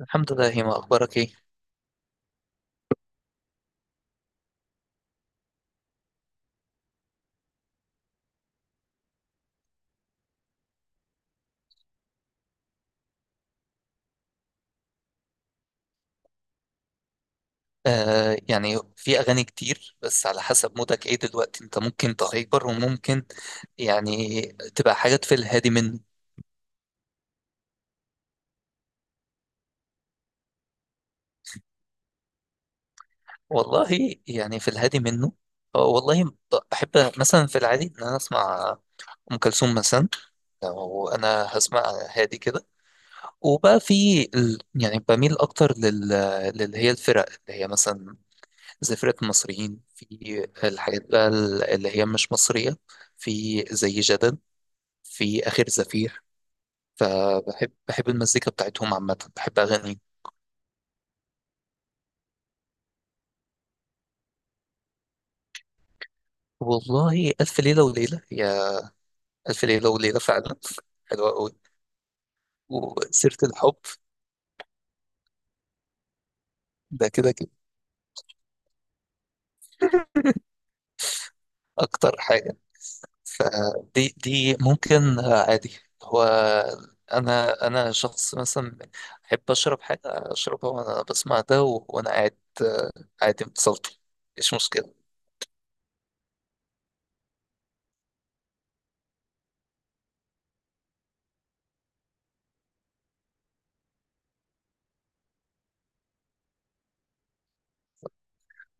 الحمد لله هيما، اخبارك ايه؟ آه، يعني في اغاني كتير بس على حسب مودك ايه دلوقتي. انت ممكن تهايبر وممكن يعني تبقى حاجات في الهادي منه. والله يعني في الهادي منه آه، والله ب- بحب مثلا في العادي ان انا اسمع ام كلثوم مثلا. لو انا هسمع هادي كده يعني بميل اكتر للي هي الفرق، اللي هي مثلا زي فرقة المصريين في الحاجات بقى، اللي هي مش مصرية. في زي جدل، في آخر زفير. فبحب المزيكا بتاعتهم عامة، بحب أغاني. والله ألف ليلة وليلة، ألف ليلة وليلة فعلا. حلوة أوي، وسيرة الحب. ده كده كده أكتر حاجة. فدي ممكن عادي. هو أنا شخص مثلا أحب أشرب حاجة، أشربها وأنا بسمع ده وأنا قاعد، عادي متصلت. مش مشكلة.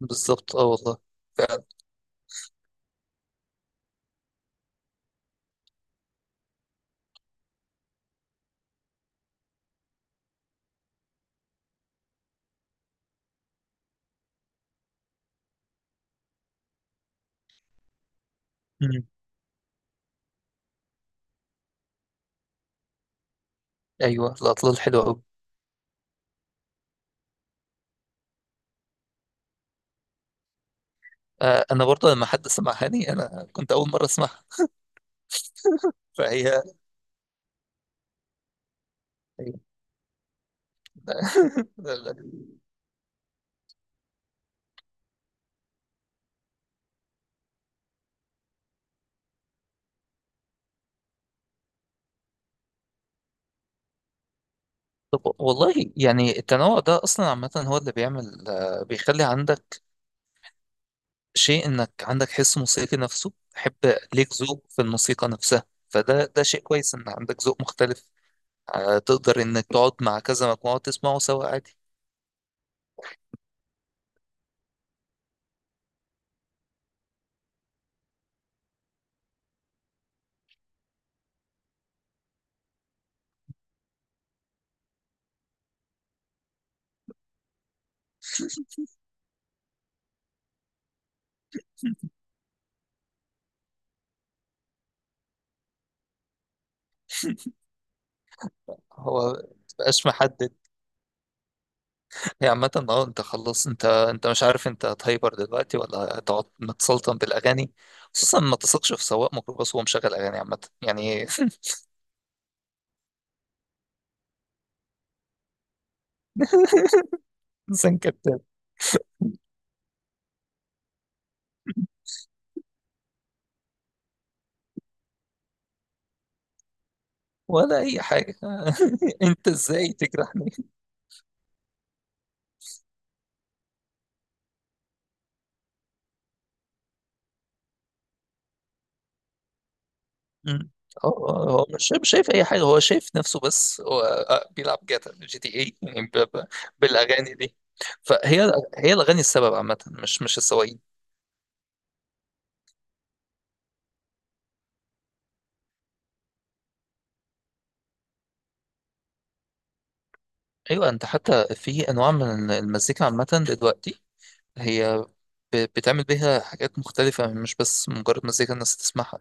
بالظبط، اه والله فعلا. مم. أيوه الأطلال حلوة أوي. انا برضه لما حد سمعها لي انا كنت اول مره اسمعها. فهي هي- طب والله، يعني التنوع ده اصلا عامه هو اللي بيعمل بيخلي عندك شيء، انك عندك حس موسيقي نفسه تحب، ليك ذوق في الموسيقى نفسها. فده شيء كويس ان عندك ذوق مختلف. تقدر انك تقعد مع كذا مجموعه تسمعه سوا عادي. هو مبقاش محدد. هي عامة، اه انت خلاص، انت مش عارف انت هتهايبر دلوقتي ولا هتقعد متسلطن بالاغاني. خصوصا ما تثقش في سواق ميكروباص وهو مشغل اغاني عامة يعني. انسان كذاب. ولا اي حاجة. انت ازاي تجرحني؟ مم. هو مش شايف، مش شايف اي حاجة. هو شايف نفسه بس. هو بيلعب جاتا جي تي اي يعني بالاغاني دي. هي الاغاني السبب عامة، مش السواقين. ايوه، انت حتى في انواع من المزيكا عامة دلوقتي، هي بتعمل بيها حاجات مختلفة، مش بس مجرد مزيكا الناس تسمعها.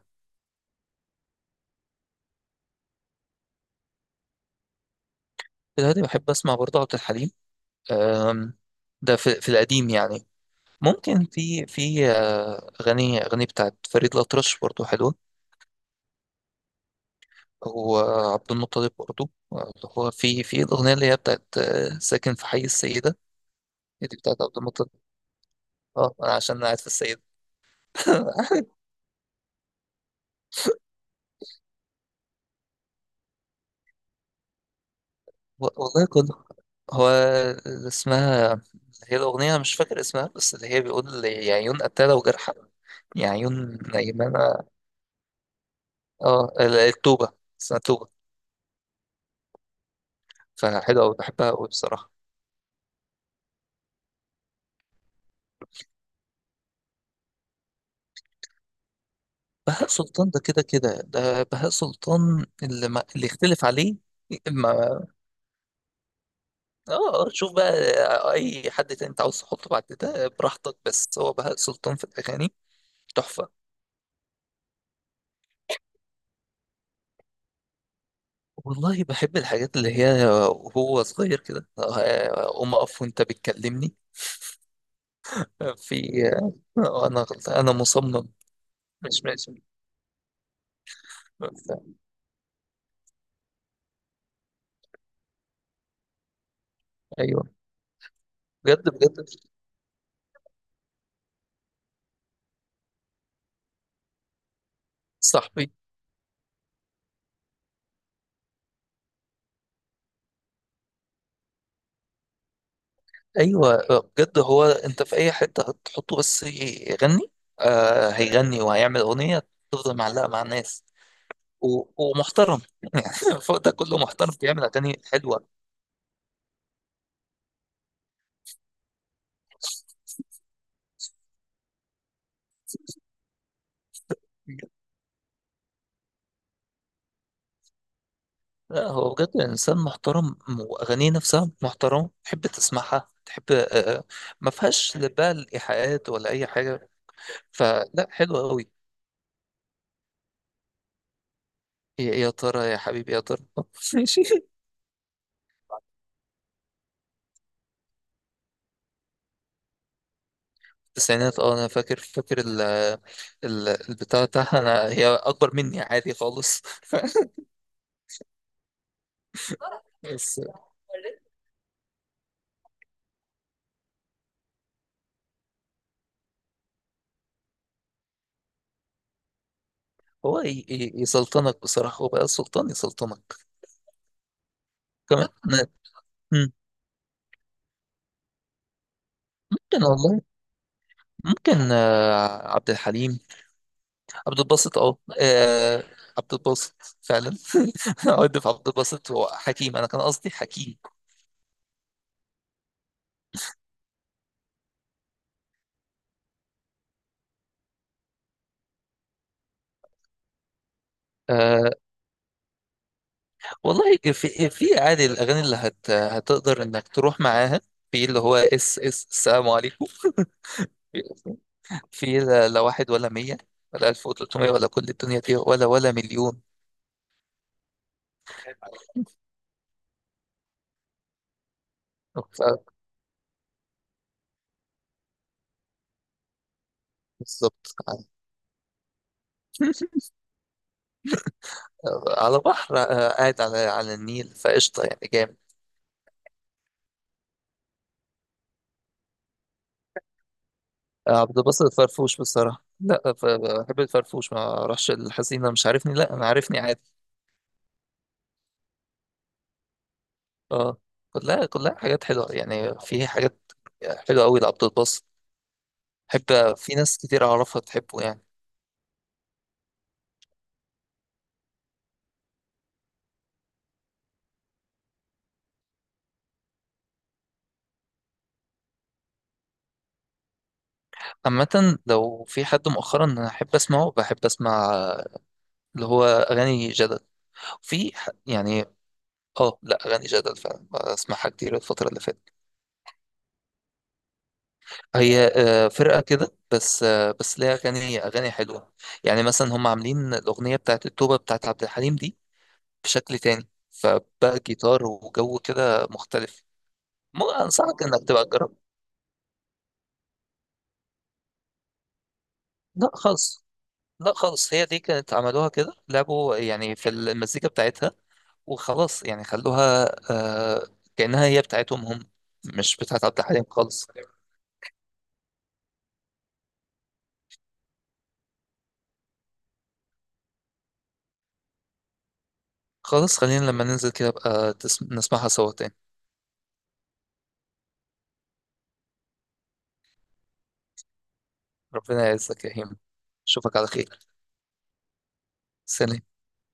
في الهادي بحب أسمع برضه عبد الحليم. أم، ده في، في القديم يعني. ممكن في في أغاني، أغاني بتاعت فريد الأطرش برضه حلوة. وعبد المطلب برضه، اللي هو في في الأغنية اللي هي بتاعت ساكن في حي السيدة. هي دي بتاعت عبد المطلب. اه، أنا عشان أنا قاعد في السيدة. والله كله. هو اللي اسمها، الأغنية مش فاكر اسمها، بس اللي هي بيقول لي يا عيون قتالة وجرحى، يا عيون نايمانة. اه التوبة، اسمها توبة. فحلوة أوي، بحبها أوي بصراحة. بهاء سلطان ده كده كده، ده بهاء سلطان اللي ما اللي يختلف عليه. ما اه شوف بقى، أي حد تاني أنت عاوز تحطه بعد ده براحتك، بس هو بهاء سلطان في الأغاني تحفة. والله بحب الحاجات اللي هي وهو صغير كده، قوم أقف وأنت بتكلمني، في أنا غلطان، أنا مصمم، مش ماشي. ف- أيوه بجد بجد. صاحبي، ايوه بجد. هو انت في اي حته هتحطه بس يغني. آه هيغني وهيعمل اغنيه تفضل معلقه مع الناس ومحترم، يعني فوق ده كله محترم بيعمل اغاني حلوه. لا هو بجد انسان محترم، واغانيه نفسها محترمه تحب تسمعها. تحب آه، آه، ما فيهاش لا بقى الايحاءات ولا اي حاجه. فلا، حلوه قوي. يا ترى، يا حبيبي يا ترى. ماشي. التسعينات، اه انا فاكر، فاكر ال البتاع بتاعها. انا هي اكبر مني عادي خالص. بس هو يسلطنك بصراحة، هو بقى سلطان يسلطنك. كمان مم. ممكن والله، ممكن عبد الحليم، عبد الباسط، اه عبد الباسط فعلا. عد في عبد الباسط، هو حكيم، انا كان قصدي حكيم. آه والله في في عادي الاغاني اللي هتقدر انك تروح معاها، في اللي هو اس السلام عليكم، في لا لا واحد ولا مية ولا ألف وتلتمية، ولا كل الدنيا دي، ولا ولا مليون. ف- بالظبط. على بحر، قاعد على على النيل فقشطة يعني جامد. عبد الباسط الفرفوش بصراحة. لا بحب الفرفوش، ما راحش الحزينة، مش عارفني. لا أنا عارفني عادي. اه، كلها حاجات حلوة، يعني في حاجات حلوة أوي لعبد الباسط. بحب في ناس كتير أعرفها تحبه يعني. عامة لو في حد مؤخرا أنا أحب أسمعه، بحب أسمع اللي هو أغاني جدل. يعني اه، لا اغاني جدل فعلا اسمعها كتير الفتره اللي فاتت. هي فرقه كده، بس بس ليها اغاني، اغاني حلوه. يعني مثلا هم عاملين الاغنيه بتاعت التوبه بتاعت عبد الحليم دي بشكل تاني، فبقى جيتار وجو كده مختلف. مو انصحك انك تبقى تجرب. لا خالص، لا خالص، هي دي كانت عملوها كده، لعبوا يعني في المزيكا بتاعتها وخلاص، يعني خلوها آه، كانها هي بتاعتهم هم، مش بتاعت عبد الحليم خالص. خلاص خلينا لما ننزل كده بقى نسمعها سوا تاني. ربنا يعزك يا هيما، اشوفك على خير. سلام.